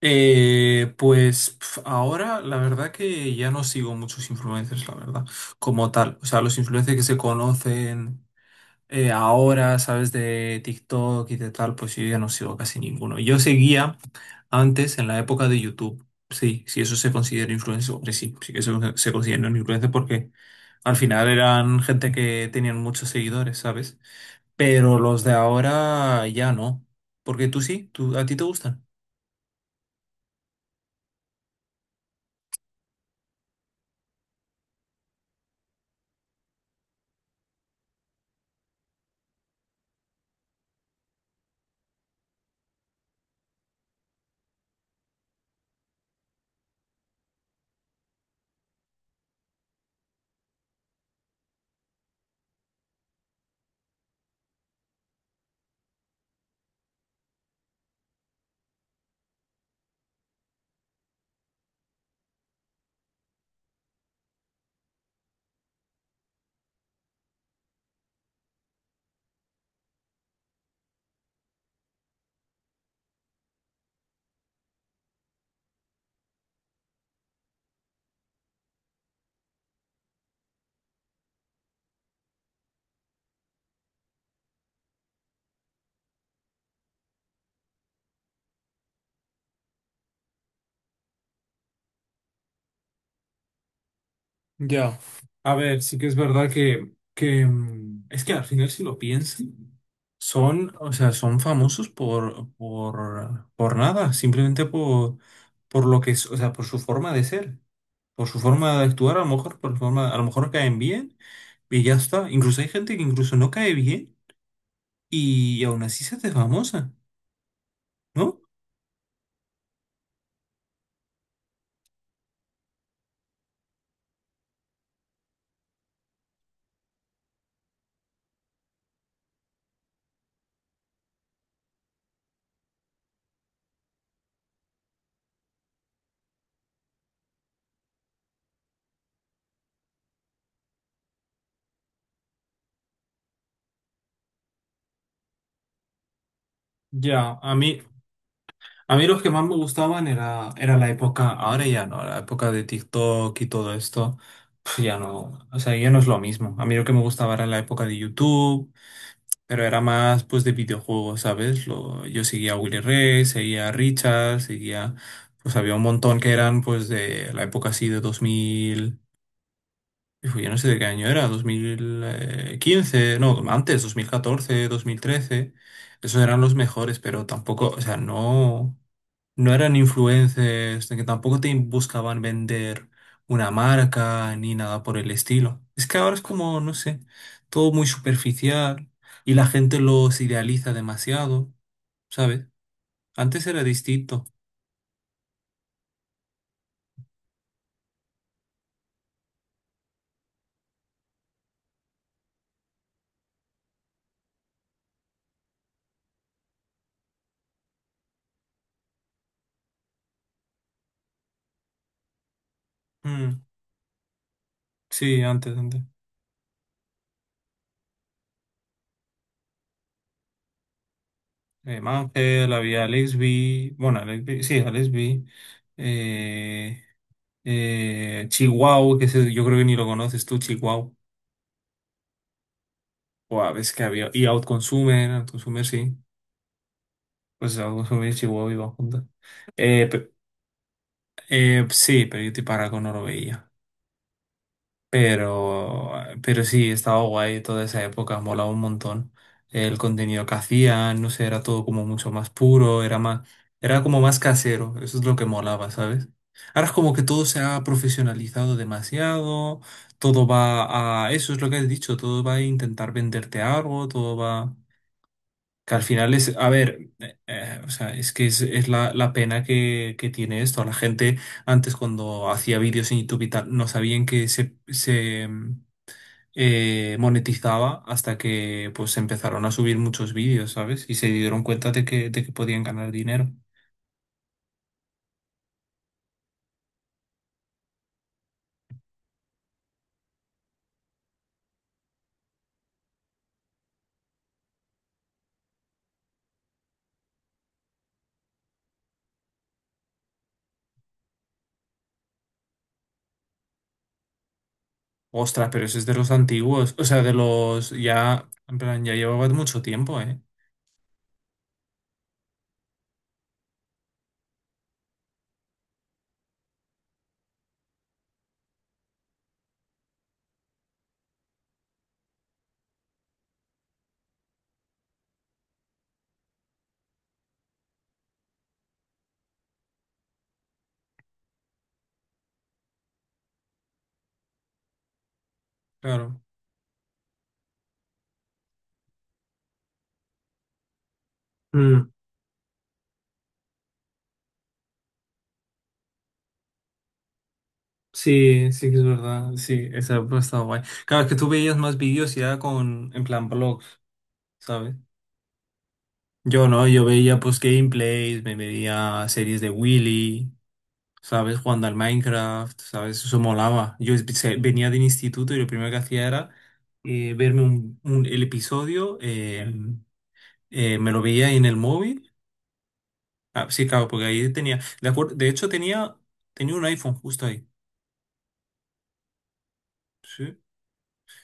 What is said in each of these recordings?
Pues ahora la verdad que ya no sigo muchos influencers, la verdad, como tal. O sea, los influencers que se conocen ahora, sabes, de TikTok y de tal, pues yo ya no sigo casi ninguno. Yo seguía antes en la época de YouTube. Sí, si eso se considera influencer, hombre, sí, sí que se considera un, porque al final eran gente que tenían muchos seguidores, ¿sabes? Pero los de ahora ya no. Porque tú sí, ¿a ti te gustan? Ya, a ver, sí que es verdad que es que al final si lo piensan, son, o sea, son famosos por nada, simplemente por lo que es, o sea, por su forma de ser, por su forma de actuar, a lo mejor, por su forma, a lo mejor caen bien y ya está. Incluso hay gente que incluso no cae bien y aún así se hace famosa, ¿no? Ya, a mí los que más me gustaban era la época, ahora ya no, la época de TikTok y todo esto, ya no, o sea, ya no es lo mismo. A mí lo que me gustaba era la época de YouTube, pero era más pues de videojuegos, ¿sabes? Yo seguía a Willy Rex, seguía a Richard, seguía, pues había un montón que eran pues de la época así de 2000. Hijo, yo no sé de qué año era, 2015 no, antes, 2014, 2013. Esos eran los mejores, pero tampoco, o sea, no eran influencers, de que tampoco te buscaban vender una marca ni nada por el estilo. Es que ahora es como, no sé, todo muy superficial y la gente los idealiza demasiado, ¿sabes? Antes era distinto. Mm, sí, antes, antes. Mangel, había Alex B. Bueno, Alex B, sí, Alex B. Eh, Chihuahua, que ese yo creo que ni lo conoces tú, Chihuahua. O a veces que había. Y Outconsumer, Outconsumer sí. Pues Outconsumer y Chihuahua iban juntas. Eh, pe- sí, pero yo te para con no lo veía. Pero, pero sí, estaba guay toda esa época, molaba un montón. El contenido que hacían, no sé, era todo como mucho más puro, era como más casero, eso es lo que molaba, ¿sabes? Ahora es como que todo se ha profesionalizado demasiado, eso es lo que has dicho, todo va a intentar venderte algo, todo va, que al final es, a ver, o sea, es que es, es la pena que tiene esto, la gente antes cuando hacía vídeos en YouTube y tal, no sabían que se monetizaba hasta que pues empezaron a subir muchos vídeos, ¿sabes? Y se dieron cuenta de que podían ganar dinero. Ostras, pero ese es de los antiguos, o sea, de los ya, en plan, ya llevaba mucho tiempo, ¿eh? Claro. Mm, sí, sí que es verdad. Sí, esa ha estado guay. Claro, es que tú veías más vídeos ya con, en plan, blogs, ¿sabes? Yo no, yo veía pues gameplays, me veía series de Willy. ¿Sabes? Jugando al Minecraft, ¿sabes? Eso molaba. Venía del instituto y lo primero que hacía era verme un, el episodio, me lo veía en el móvil. Ah, sí, claro, porque ahí tenía, de acuerdo, de hecho tenía un iPhone justo ahí. Sí,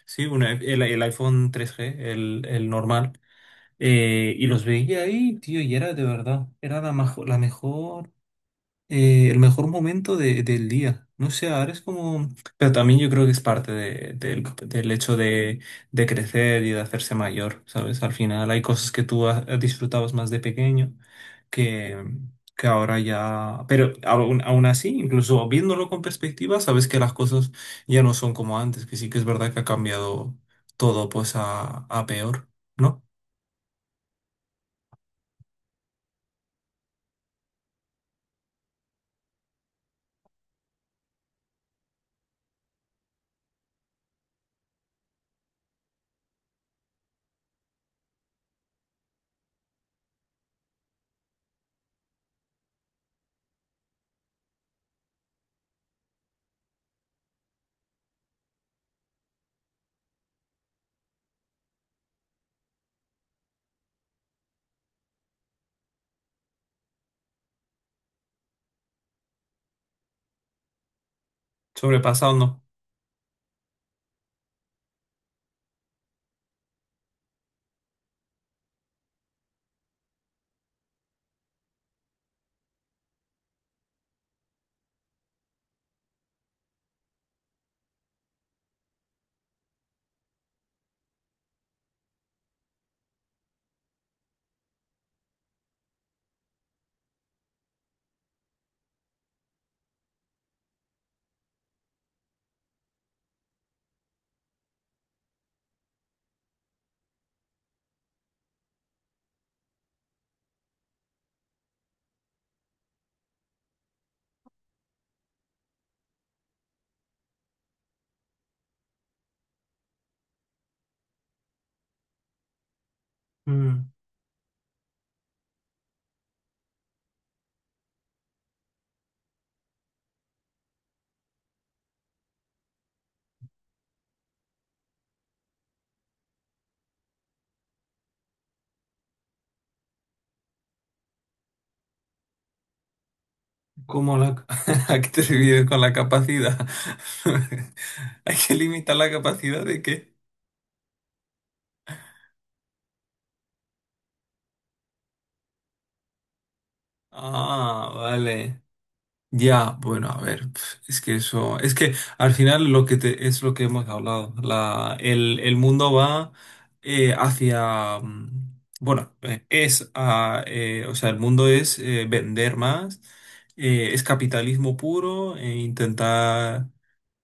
sí, el iPhone 3G, el normal. Y los veía ahí, tío, y era de verdad, era la, majo- la mejor el mejor momento del día. No sé, ahora es como. Pero también yo creo que es parte del hecho de crecer y de hacerse mayor, ¿sabes? Al final hay cosas que disfrutabas más de pequeño que, que ahora ya. Pero aún así, incluso viéndolo con perspectiva, sabes que las cosas ya no son como antes, que sí que es verdad que ha cambiado todo pues a peor, ¿no? Sobrepasado, ¿no? ¿Cómo la? ¿A qué te refieres con la capacidad? ¿Hay que limitar la capacidad de qué? Ah, vale. Ya, bueno, a ver, es que al final es lo que hemos hablado, el mundo va hacia, bueno, o sea, el mundo es vender más, es capitalismo puro, e intentar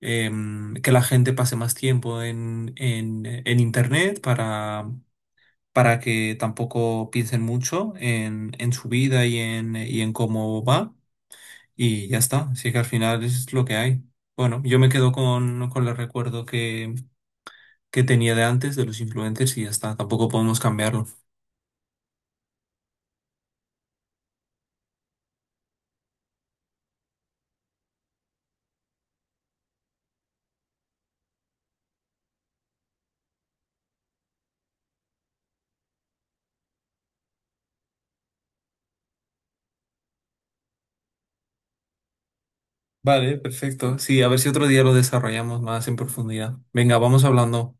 que la gente pase más tiempo en internet para que tampoco piensen mucho en su vida y en cómo va. Y ya está, así que al final es lo que hay. Bueno, yo me quedo con el recuerdo que tenía de antes de los influencers y ya está, tampoco podemos cambiarlo. Vale, perfecto. Sí, a ver si otro día lo desarrollamos más en profundidad. Venga, vamos hablando.